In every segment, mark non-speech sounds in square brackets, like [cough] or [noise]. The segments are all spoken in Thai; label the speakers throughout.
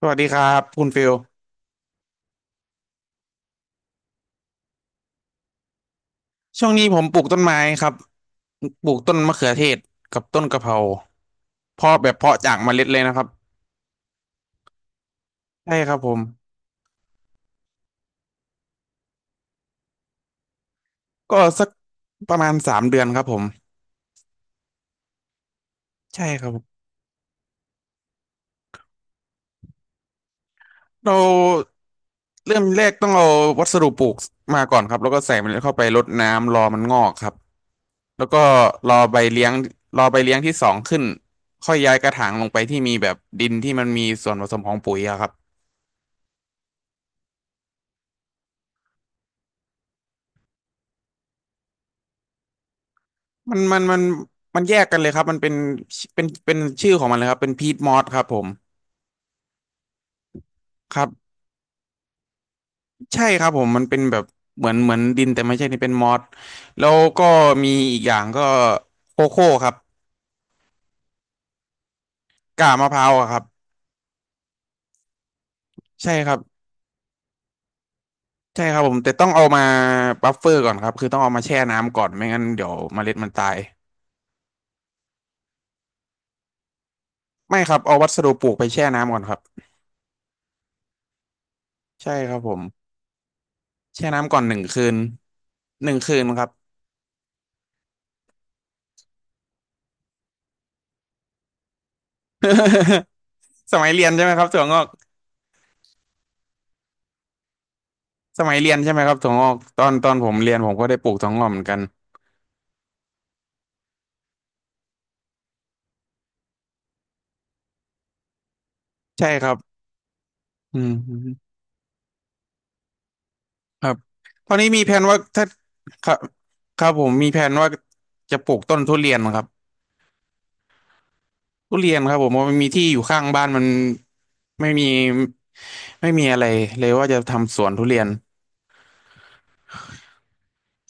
Speaker 1: สวัสดีครับคุณฟิลช่วงนี้ผมปลูกต้นไม้ครับปลูกต้นมะเขือเทศกับต้นกะเพราเพาะจากเมล็ดเลยนะครับใช่ครับผมก็สักประมาณ3 เดือนครับผมใช่ครับผมเราเริ่มแรกต้องเอาวัสดุปลูกมาก่อนครับแล้วก็ใส่เมล็ดเข้าไปรดน้ำรอมันงอกครับแล้วก็รอใบเลี้ยงรอใบเลี้ยงที่สองขึ้นค่อยย้ายกระถางลงไปที่มีแบบดินที่มันมีส่วนผสมของปุ๋ยอะครับ มันมันมันมันแยกกันเลยครับมันเป็นเป็นชื่อของมันเลยครับเป็นพีทมอสครับผมครับใช่ครับผมมันเป็นแบบเหมือนเหมือนดินแต่ไม่ใช่นี่เป็นมอสแล้วก็มีอีกอย่างก็โคโค่ครับกากมะพร้าวอะครับใช่ครับใช่ครับผมแต่ต้องเอามาบัฟเฟอร์ก่อนครับคือต้องเอามาแช่น้ำก่อนไม่งั้นเดี๋ยวเมล็ดมันตายไม่ครับเอาวัสดุปลูกไปแช่น้ำก่อนครับใช่ครับผมแช่น้ำก่อนหนึ่งคืนหนึ่งคืนครับ [laughs] สมัยเรียนใช่ไหมครับถั่วงอก สมัยเรียนใช่ไหมครับถั่วงอกตอนผมเรียนผมก็ได้ปลูกถั่วงอกเหมือนกันใช่ครับอืมครับตอนนี้มีแผนว่าถ้าครับครับผมมีแผนว่าจะปลูกต้นทุเรียนครับทุเรียนครับผมเพราะมันมีที่อยู่ข้างบ้านมันไม่มีไม่มีอะไรเลยว่าจะทำสวนทุเรียน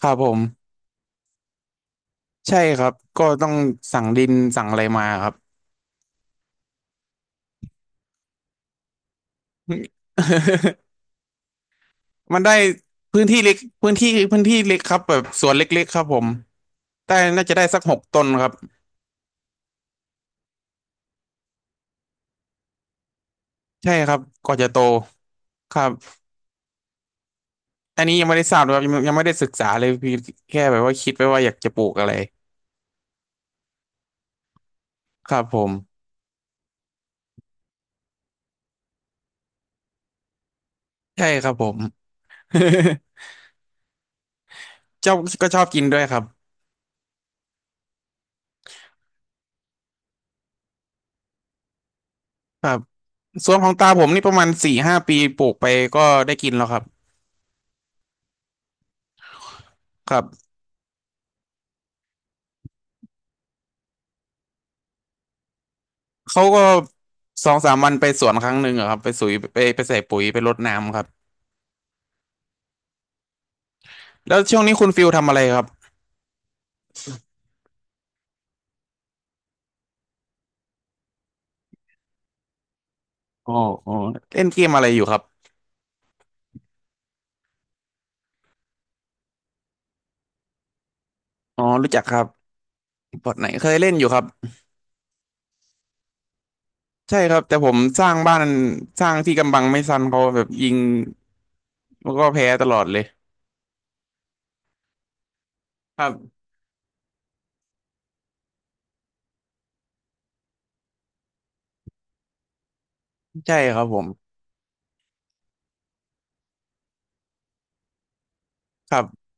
Speaker 1: ครับผมใช่ครับก็ต้องสั่งดินสั่งอะไรมาครับ [laughs] มันได้พื้นที่เล็กครับแบบสวนเล็กๆครับผมได้น่าจะได้สัก6 ต้นครับใช่ครับกว่าจะโตครับอันนี้ยังไม่ได้ทราบเลยครับยังไม่ได้ศึกษาเลยพี่แค่แบบว่าคิดไว้ว่าอยากจะปลูกอะไรครับผมใช่ครับผม [laughs] ชอบก็ชอบกินด้วยครับครับสวนของตาผมนี่ประมาณ4-5 ปีปลูกไปก็ได้กินแล้วครับครับเขาก็2-3 วันไปสวนครั้งหนึ่งอะครับไปสุยไปใส่ปุ๋ยไปรดน้ำครับแล้วช่วงนี้คุณฟิลทำอะไรครับ อ๋ออ๋อเล่นเกมอะไรอยู่ครับอ๋อรู้จักครับบอทไหนเคยเล่นอยู่ครับ ใช่ครับ แต่ผมสร้างบ้านสร้างที่กำบังไม่ซันเขาแบบยิงแล้วก็แพ้ตลอดเลยครับใช่ครับผมครับ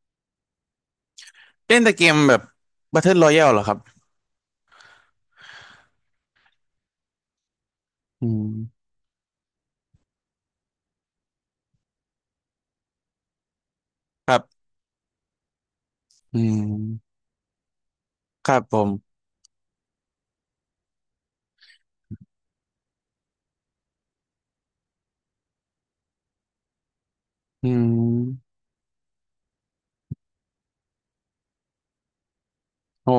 Speaker 1: เล่นแต่เกมแบบ Battle Royale เหรอครับอืมครับอืมครับผมอืมโอ้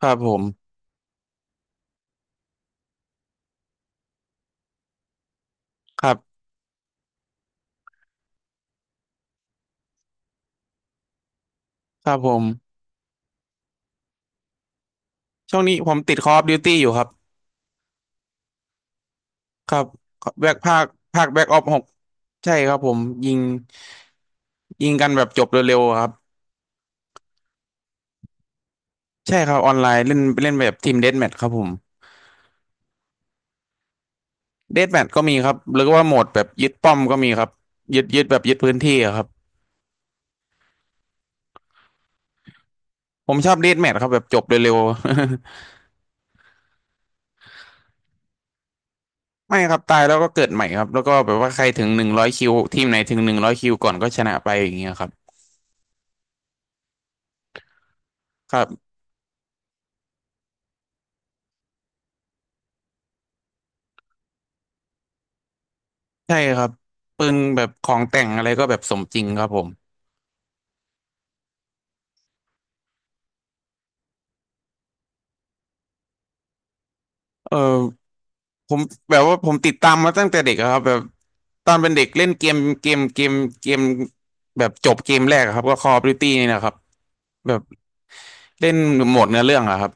Speaker 1: ครับผมครับ ครับผม ช่วงนี้ผมติด Call of Duty อยู่ครับครับแบกภาคแบ็กออฟหกใช่ครับผมยิงยิงกันแบบจบเร็วๆอะครับ ใช่ครับออนไลน์เล่นเล่นแบบทีมเดธแมทครับผมเดธแมทก็มีครับหรือว่าโหมดแบบยึดป้อมก็มีครับยึดแบบยึดพื้นที่อะครับผมชอบเดธแมทครับแบบจบเร็วๆ [laughs] ไม่ครับตายแล้วก็เกิดใหม่ครับแล้วก็แบบว่าใครถึงหนึ่งร้อยคิวทีมไหนถึงหนึ่งร้อยคิวก่อนก็ชนะไปอย่างเงี้ยครับครับใช่ครับปืนแบบของแต่งอะไรก็แบบสมจริงครับผมเออผมแบบว่าผมติดตามมาตั้งแต่เด็กอะครับแบบตอนเป็นเด็กเล่นเกมแบบจบเกมแรกอะครับก็ Call of Duty นี่นะครับแบบ เล่นโหมดเนื้อเรื่องอะครับ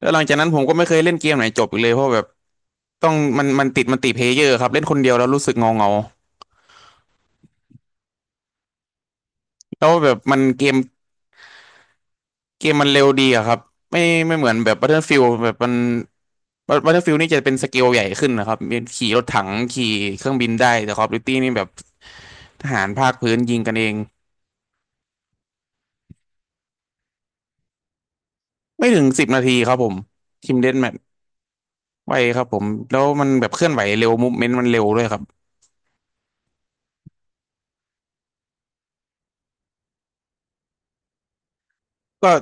Speaker 1: แล้วหลังจากนั้นผมก็ไม่เคยเล่นเกมไหนจบอีกเลยเพราะแบบต้องมันติเพลเยอร์ครับเล่นคนเดียวแล้วรู้สึกเงาเงาแล้วแบบมันเกมเกมมันเร็วดีอะครับไม่ไม่เหมือนแบบ Battlefield แบบมัน Battlefield นี่จะเป็นสเกลใหญ่ขึ้นนะครับมีขี่รถถังขี่เครื่องบินได้แต่ Call of Duty นี่แบบทหารภาคพื้นยิงกันเองไม่ถึง10 นาทีครับผมทีมเดธแมทไวครับผมแล้วมันแบบเคลื่อนไหวเร็วมูฟเมนต์มันเร็วด้วยครับก็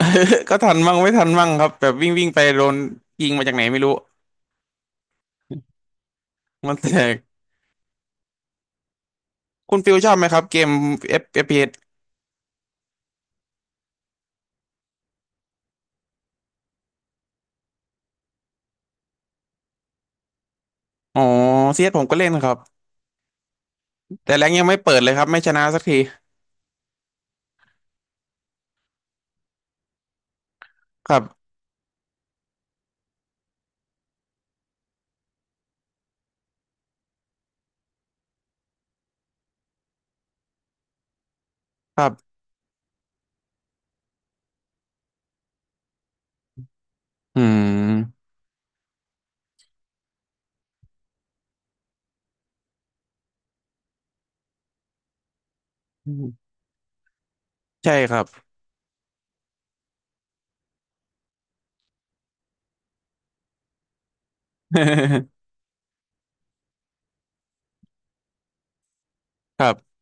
Speaker 1: [laughs] ก็ทันมั่งไม่ทันมั่งครับแบบวิ่งวิ่งไปโดนยิงมาจากไหนไม่รู้มันแตกคุณฟิลชอบไหมครับเกม FPSอ๋อเซียสผมก็เล่นครับแต่แรงยังไม่เปิดเลยครับไม่ชนะสักทีครับครับอืมใช่ครับ [laughs] ครับ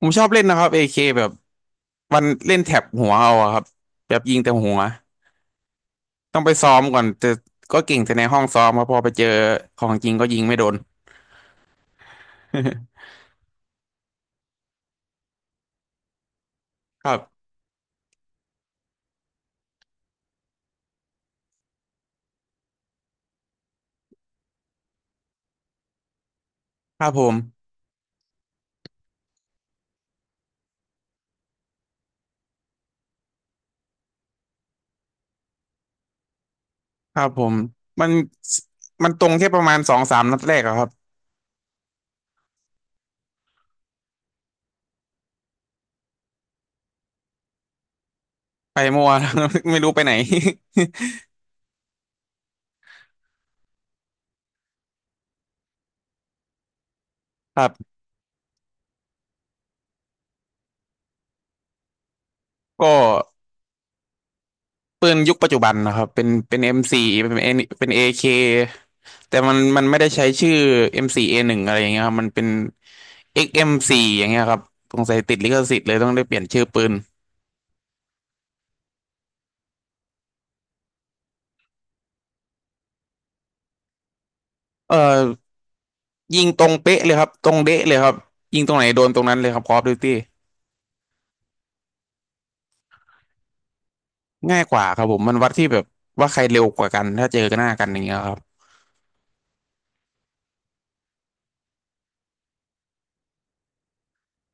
Speaker 1: ผมชอบเล่นนะครับ AK แบบวันเล่นแถบหัวเอาอะครับแบบยิงแต่หัวต้องไปซ้อมก่อนแต่ก็เก่งแต่ในห้องซ้อมครับพอไปเจอของจริงก็ยิงไม่โดน [laughs] ครับครับผม ครับผมมันมันตรงแค่ประมาณ2-3 นัดแรกอะครับไปมั่ว [laughs] ไม่รู้ไปไหน [laughs] ครับก็ปืนยุคปัจจุบันนะครับเป็น M4 เป็น N เป็น AK แต่มันไม่ได้ใช้ชื่อ M4A1 อมโฟร์เอหนึ่งอะไรอย่างเงี้ยครับมันเป็น XM4 อกซ์เอ็มโฟร์อย่างเงี้ยครับสงสัยติดลิขสิทธิ์เลยต้องได้เปลี่ยนชื่อปืนเอ่อยิงตรงเป๊ะเลยครับตรงเด๊ะเลยครับยิงตรงไหนโดนตรงนั้นเลยครับ Call of Duty ง่ายกว่าครับผมมันวัดที่แบบว่าใครเร็วกว่ากันถ้าเจอกันหน้ากันอย่างเงี้ยครับ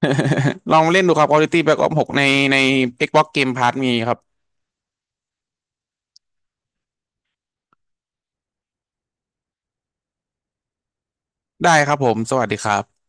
Speaker 1: [laughs] ลองเล่นดูครับ Quality Black Ops 6ใน Xbox Game Pass มีครับได้ครับผมสวัสดีครับ